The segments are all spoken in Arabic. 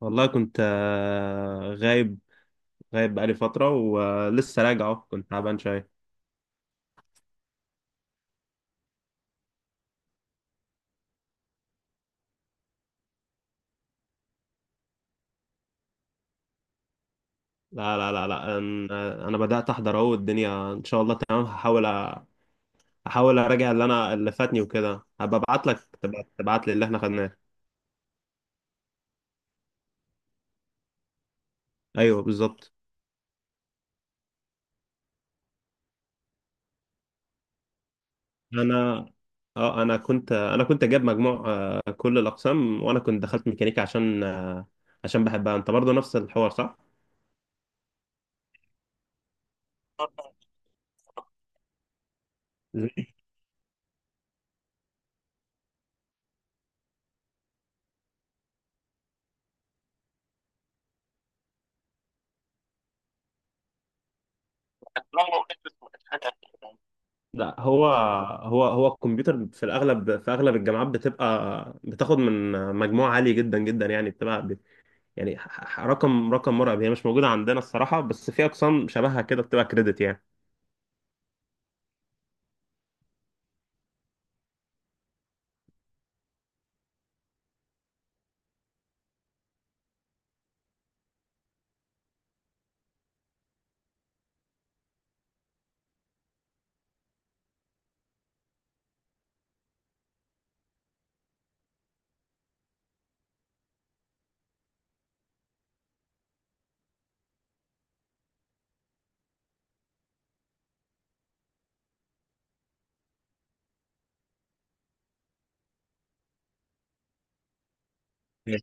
والله كنت غايب بقالي فترة ولسه راجع أهو، كنت تعبان شوية. لا لا لا لا، أنا بدأت أحضر أهو، الدنيا إن شاء الله تمام. هحاول أ- أحاول أراجع اللي اللي فاتني وكده، هبقى أبعت لك تبعت لي اللي إحنا خدناه. أيوه بالظبط. أنا أنا كنت جايب مجموع كل الأقسام، وأنا كنت دخلت ميكانيكا عشان بحبها. أنت برضه نفس الحوار صح؟ زي لا، هو الكمبيوتر في اغلب الجامعات بتبقى بتاخد من مجموع عالي جدا جدا، يعني بتبقى يعني رقم مرعب. هي مش موجوده عندنا الصراحه، بس في اقسام شبهها كده بتبقى كريدت يعني. مم.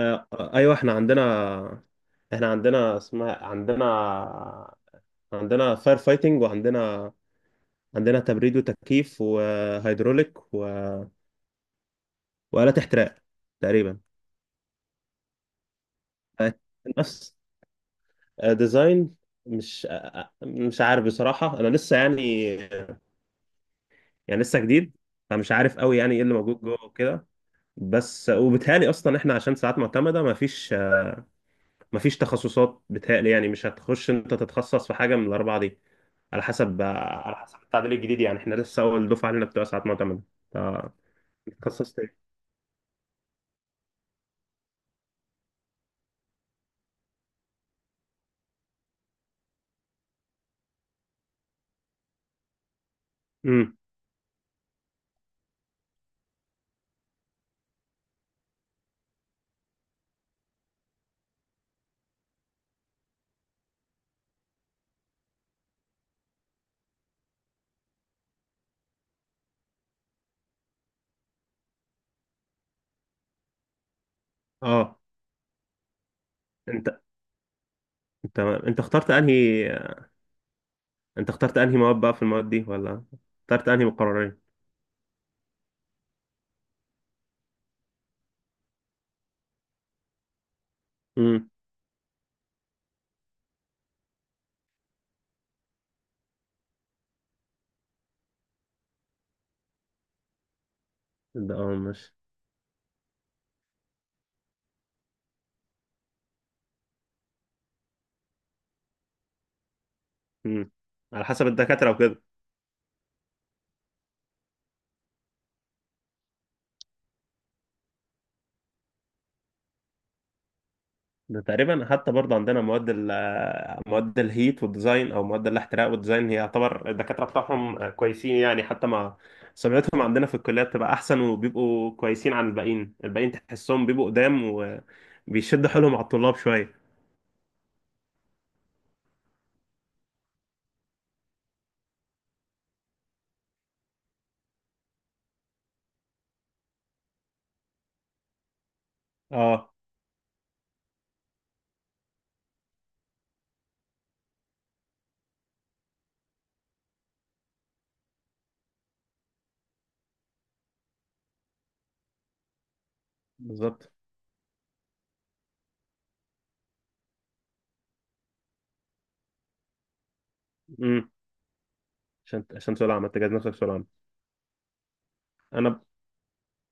آه، ايوه احنا عندنا، احنا عندنا اسمها عندنا عندنا فاير فايتنج، عندنا تبريد وتكييف وهيدروليك وآلات احتراق تقريبا. آه، نفس ديزاين. مش آه، آه، مش عارف بصراحة، أنا لسه يعني، لسه جديد. فمش عارف قوي يعني ايه اللي موجود جوه وكده. بس وبيتهيألي اصلا احنا، عشان ساعات معتمدة مفيش مفيش تخصصات. بيتهيألي يعني مش هتخش انت تتخصص في حاجة من الأربعة دي، على حسب على حسب التعديل الجديد، يعني احنا لسه أول دفعة لنا بتوع ساعات معتمدة. فتخصصت ايه؟ امم، اه، انت انت اخترت انهي، انت اخترت انهي مواد بقى، في المواد دي، ولا اخترت انهي مقررين؟ امم. ده اه ماشي. مم. على حسب الدكاترة وكده. ده تقريبا حتى برضه عندنا مواد ال آه، مواد الهيت والديزاين او مواد الاحتراق والديزاين، هي يعتبر الدكاترة بتاعهم كويسين يعني، حتى مع سمعتهم عندنا في الكلية بتبقى احسن وبيبقوا كويسين عن الباقيين. تحسهم بيبقوا قدام وبيشدوا حيلهم على الطلاب شوية. اه بالظبط. امم. عشان سؤال عامة، تجهز نفسك، سؤال عام. انا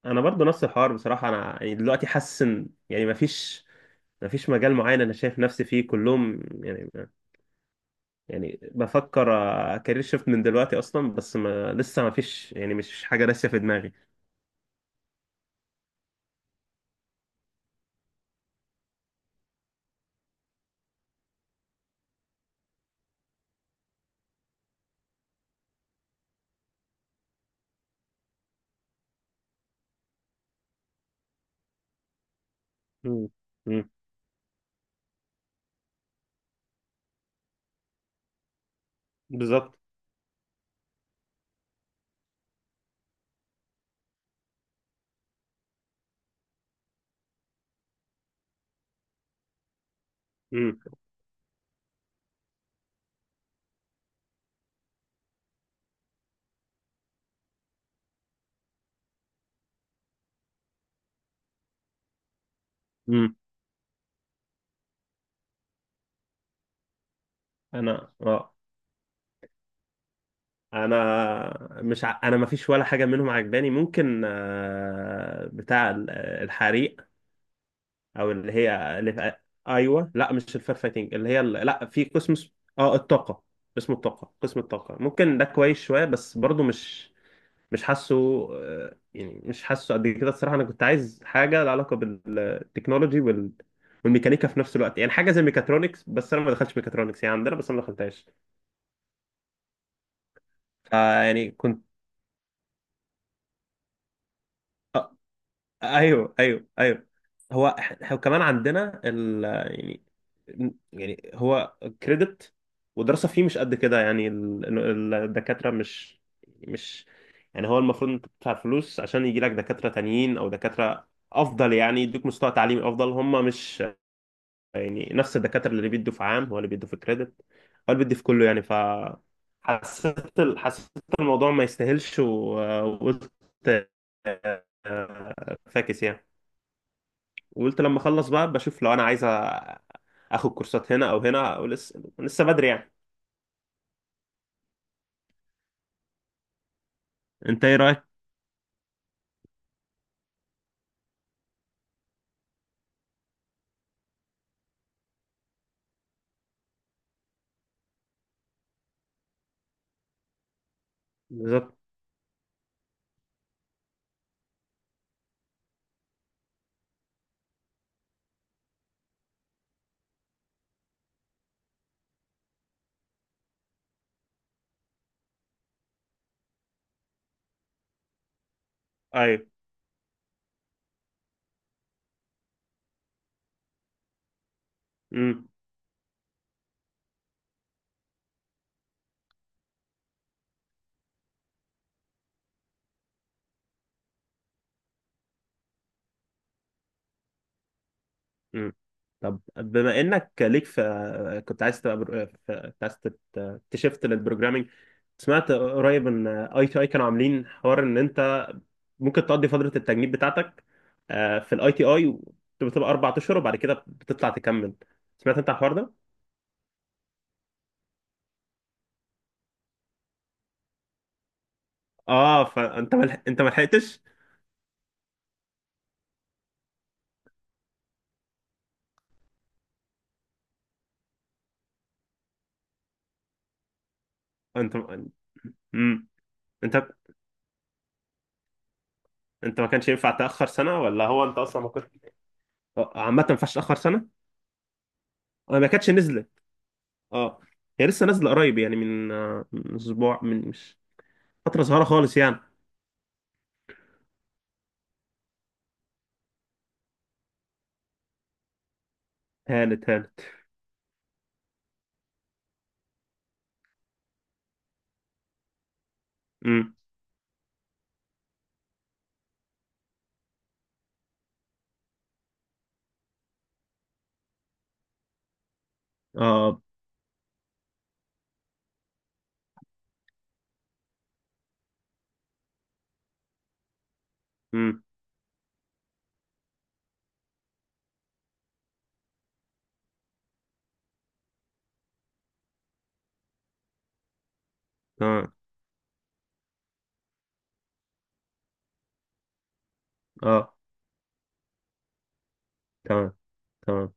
انا برضه نفس الحوار بصراحة، انا يعني دلوقتي حاسس ان يعني مفيش مجال معين انا شايف نفسي فيه كلهم يعني. يعني بفكر كارير شيفت من دلوقتي اصلا، بس ما لسه ما فيش يعني، مش حاجه راسيه في دماغي. مم. مم. بالظبط. مم. امم. انا اه انا مش ع... انا ما فيش ولا حاجه منهم عجباني. ممكن بتاع الحريق، او اللي هي اللي في... ايوه لا، مش الفير فايتنج، اللي هي لا في قسم الطاقه. اسمه الطاقه قسم الطاقه ممكن ده كويس شويه، بس برضو مش حاسه يعني مش حاسه قد كده الصراحه. انا كنت عايز حاجه لها علاقه بالتكنولوجي والميكانيكا في نفس الوقت يعني، حاجه زي ميكاترونكس، بس انا ما دخلتش ميكاترونكس يعني عندنا، بس انا ما دخلتهاش. فيعني كنت. ايوه ايوه ايوه. هو احنا كمان عندنا ال يعني يعني هو كريدت ودراسه فيه مش قد كده يعني، الدكاتره مش يعني، هو المفروض انت تدفع فلوس عشان يجي لك دكاتره تانيين او دكاتره افضل يعني، يدوك مستوى تعليمي افضل. هم مش يعني نفس الدكاتره اللي بيدوا في عام، هو اللي بيدوا في كريدت، هو اللي بيدي في كله يعني ف. حسيت الموضوع ما يستاهلش، وقلت فاكس يعني. وقلت لما اخلص بقى بشوف لو انا عايز اخد كورسات هنا او هنا، او لسه بدري يعني. انت ايه رايك؟ بالظبط. ايوه. امم. امم. طب، بما انك ليك في، كنت عايز تبقى برو... في... كنت عايز تبقى- تشفت للبروجرامينج. سمعت قريب ان ITI كانوا عاملين حوار ان انت ممكن تقضي فتره التجنيد بتاعتك في الـITI، بتبقى 4 اشهر وبعد كده بتطلع تكمل. سمعت انت الحوار ده؟ اه، فانت ملح... انت ما لحقتش؟ انت امم انت ما كانش ينفع تاخر سنه، ولا هو انت اصلا ما كنت عامه ما ينفعش تاخر سنه؟ انا ما كانتش نزلت. اه، هي لسه نازله قريب يعني، من من اسبوع، من مش فتره صغيره خالص يعني. هانت هانت. امم. اه. امم. تمام. اه. تمام تمام.